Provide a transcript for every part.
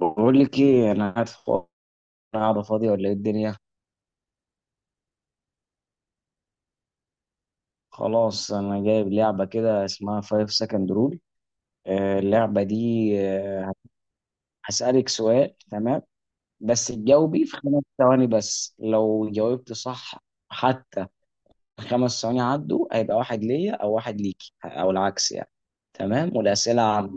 بقول لك ايه، انا قاعد فاضي. قاعده فاضيه ولا ايه الدنيا؟ خلاص، انا جايب لعبه كده اسمها 5 سكند رول. اللعبه دي آه، هسالك سؤال، تمام؟ بس تجاوبي في 5 ثواني، بس لو جاوبت صح. حتى 5 ثواني عدوا هيبقى واحد ليا او واحد ليكي، او العكس يعني. تمام، والاسئله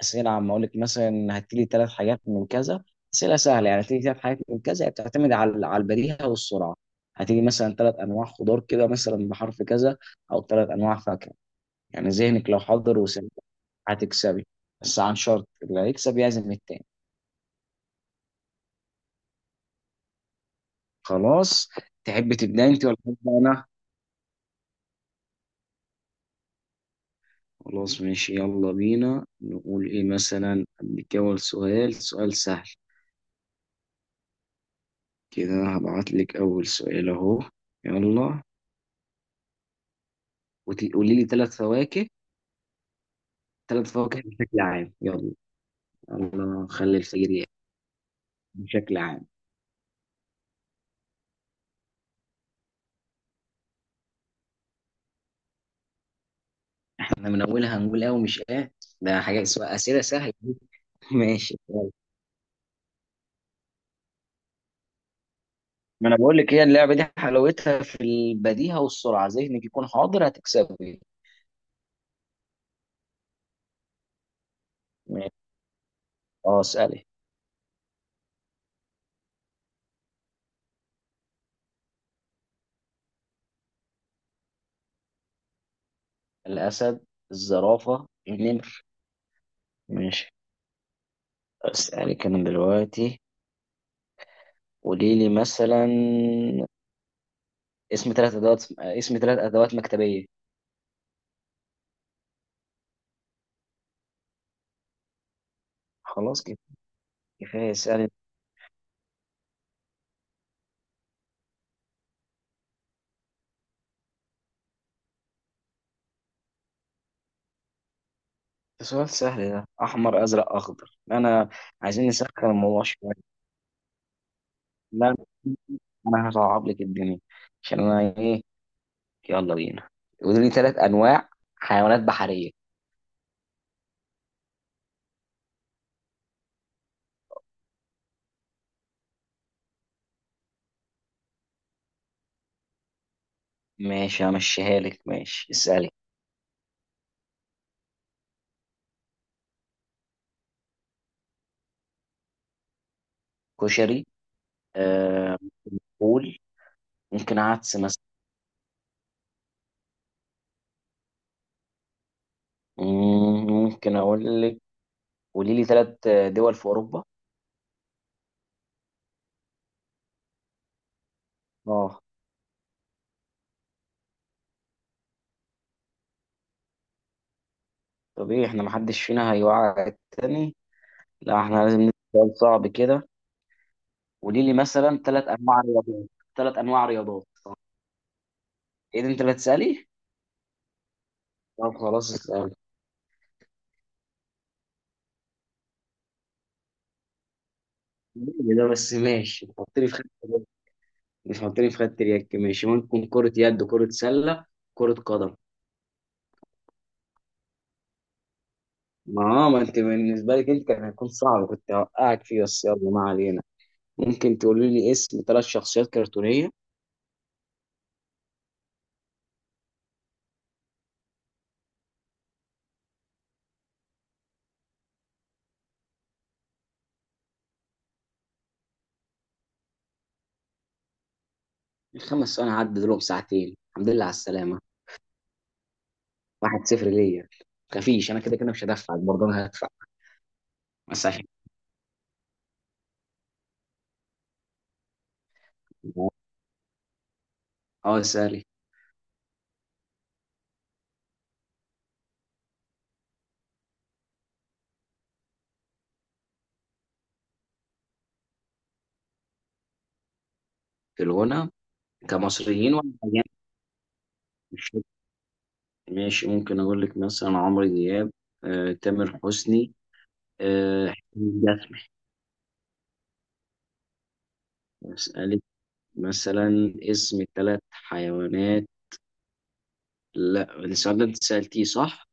اسئله عامه، اقول لك مثلا هتجيلي ثلاث حاجات من كذا. اسئله سهله يعني، هتجيلي ثلاث حاجات من كذا، هي بتعتمد على البديهه والسرعه. هتيجي مثلا ثلاث انواع خضار كده مثلا بحرف كذا، او ثلاث انواع فاكهه. يعني ذهنك لو حضر وسمع هتكسبي. بس عن شرط اللي هيكسب يعزم التاني. خلاص. تحب تبدا انت ولا ابدا انا؟ خلاص ماشي، يلا بينا نقول ايه، مثلا اديك اول سؤال، سؤال سهل كده. هبعت لك اول سؤال اهو. يلا. وتقولي لي ثلاث فواكه. ثلاث فواكه بشكل عام، يلا. الله خلي الفجر يأتي. بشكل عام. احنا من اولها هنقول اه ومش اه. ده حاجه اسمها اسئله سهله. ماشي يلا. ما انا بقول لك، هي اللعبه دي حلاوتها في البديهه والسرعه، ذهنك يكون حاضر هتكسبي. ماشي. اه، اسالي. الاسد، الزرافه، النمر. ماشي. اسالك انا دلوقتي. قولي لي مثلا اسم ثلاث ادوات، اسم ثلاث ادوات مكتبيه. خلاص كده، كفايه، اسالي. ده سؤال سهل ده، احمر ازرق اخضر. انا عايزين نسخن الموضوع شويه. لا، انا هصعب لك الدنيا. عشان انا ايه. يلا بينا. قولي لي ثلاث انواع حيوانات بحريه. ماشي همشيها لك، ماشي اسالي. كشري. آه فول. ممكن عدس مثلا. ممكن اقول لك. قولي لي ثلاث دول في اوروبا. اه. طب ايه، احنا محدش فينا هيوعى التاني. لا، احنا لازم نسأل سؤال صعب كده. قولي لي مثلا ثلاث انواع رياضات. ثلاث انواع رياضات. ايه ده، انت اللي هتسالي؟ طب خلاص اسال. إيه ده بس، ماشي حطني في خدت. مش حاطيني في خدة اليك، ماشي، ممكن كرة يد، كرة سلة، كرة قدم. ما انت بالنسبة لك، انت كان هيكون صعب، كنت هوقعك فيه، بس يلا، ما علينا. ممكن تقولي لي اسم ثلاث شخصيات كرتونية. الـ5 ثواني عدى دول ساعتين، الحمد لله على السلامة. 1-0 ليا. متخافيش، انا كده كده مش هدفعك، برضه انا هدفع. بس عشان. اه، سالي. في الغنى. كمصريين ولا أجانب؟ مش فاكر. ماشي، ممكن أقول لك مثلا عمرو دياب، تامر حسني، حسين جسمي. أسألك مثلا اسم ثلاث حيوانات. لا، السؤال ده أنت سألتيه، صح؟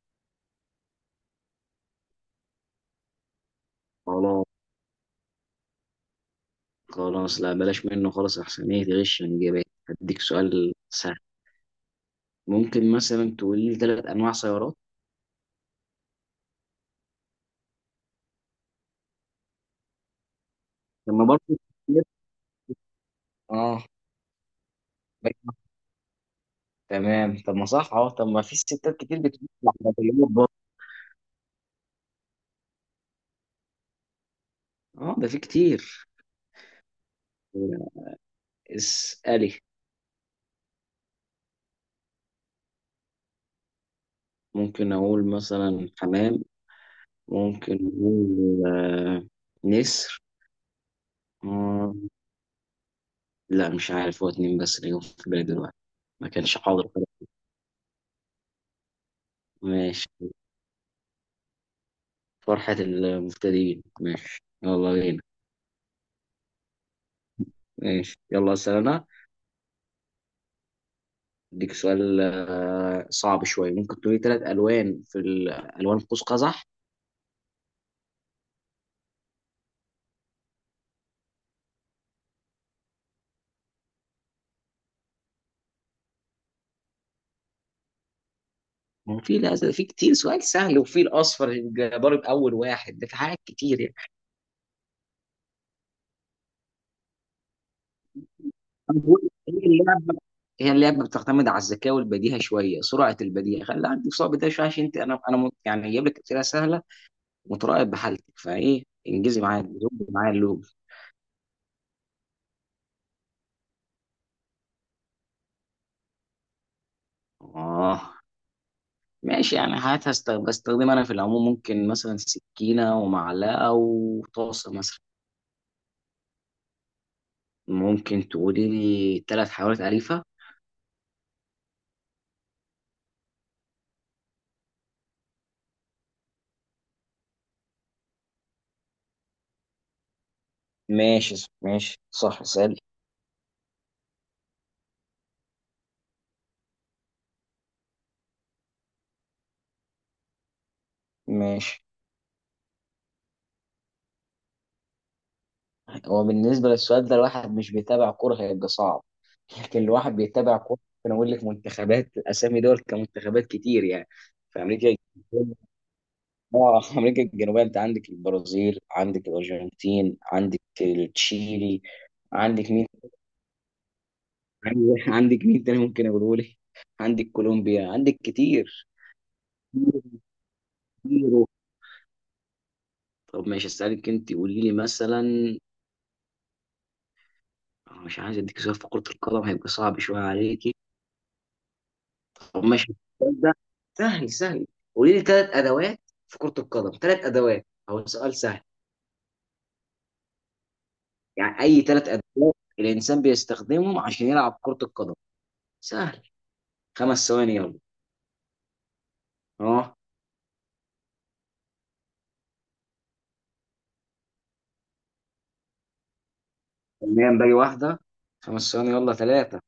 خلاص خلاص، لا بلاش منه، خلاص أحسن، إيه، تغش من إجابات. هديك سؤال سهل. ممكن مثلا تقولي لي ثلاث أنواع سيارات. لما برضه. اه. بجمع. تمام، طب ما صح، طب ما في ستات كتير بتقول العربيات برضه. اه ده في كتير. اسألي. ممكن أقول مثلا حمام. ممكن أقول نسر. مم، لا مش عارف، هو اتنين بس اللي جم في بالي دلوقتي. ما كانش حاضر. ماشي. فرحة المبتدئين، ماشي يلا بينا. ماشي يلا أسأل أنا. أديك سؤال صعب شوية. ممكن تقولي تلات ألوان ألوان قوس قزح. ما هو في، لا في كتير، سؤال سهل، وفي الأصفر، يبقى ضارب أول واحد، ده في حاجات كتير يعني. أنا بقول هي اللعبه، هي اللعبه بتعتمد على الذكاء والبديهه شويه، سرعه البديهه، خلي عندك سرعه بديهه شويه، عشان انت، يعني جايب لك اسئله سهله، متراقب بحالتك فايه انجزي معايا زبي معايا اللوب. اه ماشي يعني، بستخدمها انا في العموم، ممكن مثلا سكينه ومعلقه وطاسه مثلا. ممكن تقولي لي ثلاث حيوانات اليفه. ماشي. ماشي صح، سالي. ماشي. هو بالنسبة للسؤال ده، الواحد مش بيتابع كورة هيبقى صعب، لكن الواحد بيتابع كورة ممكن أقول لك منتخبات، أسامي دول كمنتخبات كتير يعني. في أمريكا. آه أمريكا الجنوبية، أنت عندك البرازيل، عندك الأرجنتين، عندك تشيلي. عندك مين. عندك مين تاني ممكن أقوله لك، عندك كولومبيا، عندك كتير. كتير كتير. طب ماشي، أسألك أنت. قولي لي مثلا، أنا مش عايز أديك سؤال في كرة القدم هيبقى صعب شوية عليك. طب ماشي. السؤال ده سهل سهل. قولي لي ثلاث ادوات في كرة القدم، ثلاث ادوات، هو سؤال سهل. يعني اي ثلاث ادوات الانسان بيستخدمهم عشان يلعب كرة القدم. سهل. 5 ثواني يلا. اه تمام، باقي واحدة. 5 ثواني يلا، ثلاثة.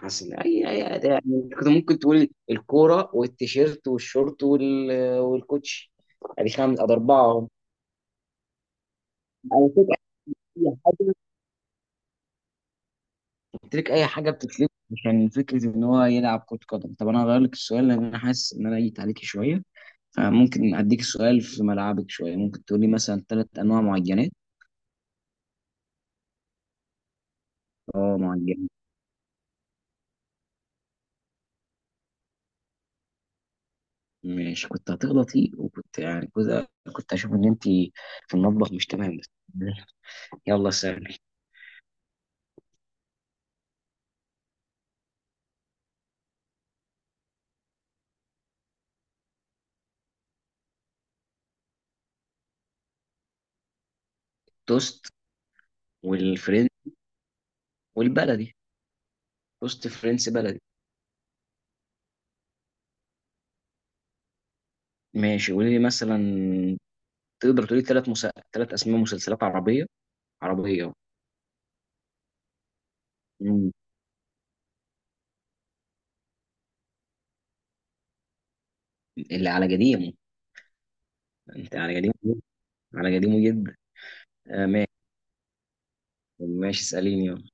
حسن اي أداة. يعني كنت ممكن تقولي الكورة والتيشيرت والشورت وال، والكوتش. ادي خمس، ادي اربعة اهم. على فكرة، اي حاجة. قلت لك اي حاجه بتتلف عشان فكره ان هو يلعب كره قدم. طب انا هغير لك السؤال لان انا حاسس ان انا جيت عليك شويه. فممكن اديك سؤال في ملعبك شويه، ممكن تقولي مثلا ثلاث انواع معجنات. اه معجنات. ماشي، كنت هتغلطي، وكنت يعني كنت اشوف ان انت في المطبخ مش تمام بس. يلا سهل. توست والفرنس والبلدي، توست فرنسي بلدي. ماشي، قولي لي مثلا، تقدر تقولي ثلاث اسماء مسلسلات عربيه، عربيه. مم. اللي على قديمه. انت على قديم. انا قديم جدا. آه ماشي. ماشي اساليني يلا.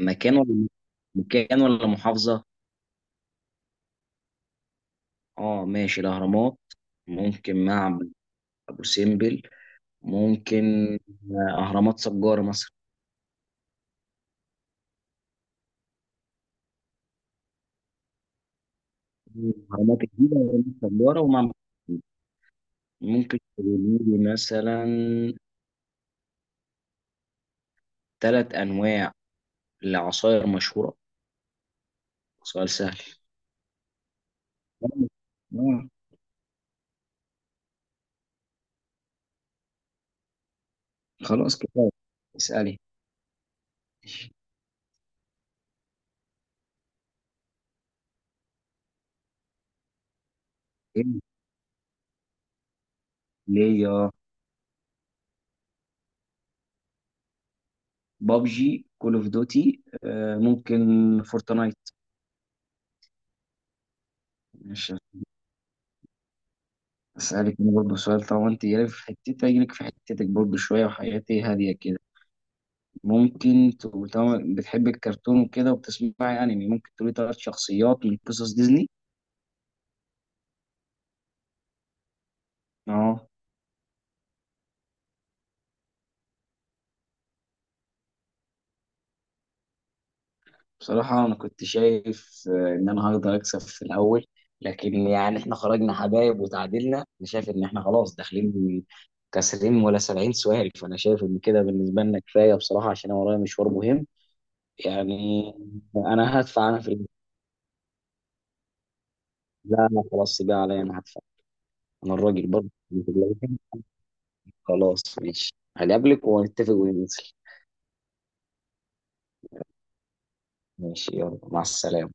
مكان ولا، محافظه؟ اه ماشي، الاهرامات. ممكن معبد ابو سمبل. ممكن اهرامات سجاره مثلا. اهرامات الجيزه واهرامات سجاره ومعبد أبو سمبل. ممكن تقولي لي مثلا ثلاث انواع لعصاير مشهوره، سؤال سهل. آه. خلاص كفايه، اسالي. إيه؟ ليه. بابجي، كول اوف دوتي، ممكن فورتنايت. ماشي، أسألك أنا برضه سؤال، طالما أنت جايلك في حتتي أجيلك في حتتك برضه شوية، وحياتي هادية كده. ممكن تقول، طالما بتحب الكرتون وكده وبتسمعي أنمي، ممكن تقولي تلات شخصيات من قصص ديزني. أه. بصراحة أنا كنت شايف إن أنا هقدر أكسب في الأول، لكن يعني إحنا خرجنا حبايب وتعادلنا. أنا شايف إن إحنا خلاص داخلين كسرين ولا 70 سؤال، فأنا شايف إن كده بالنسبة لنا كفاية بصراحة، عشان أنا ورايا مشوار مهم يعني. أنا هدفع، أنا لا لا خلاص بقى، عليا أنا هدفع، انا الراجل برضه. خلاص ماشي، هقابلك ونتفق وننزل. ماشي يلا، مع السلامة.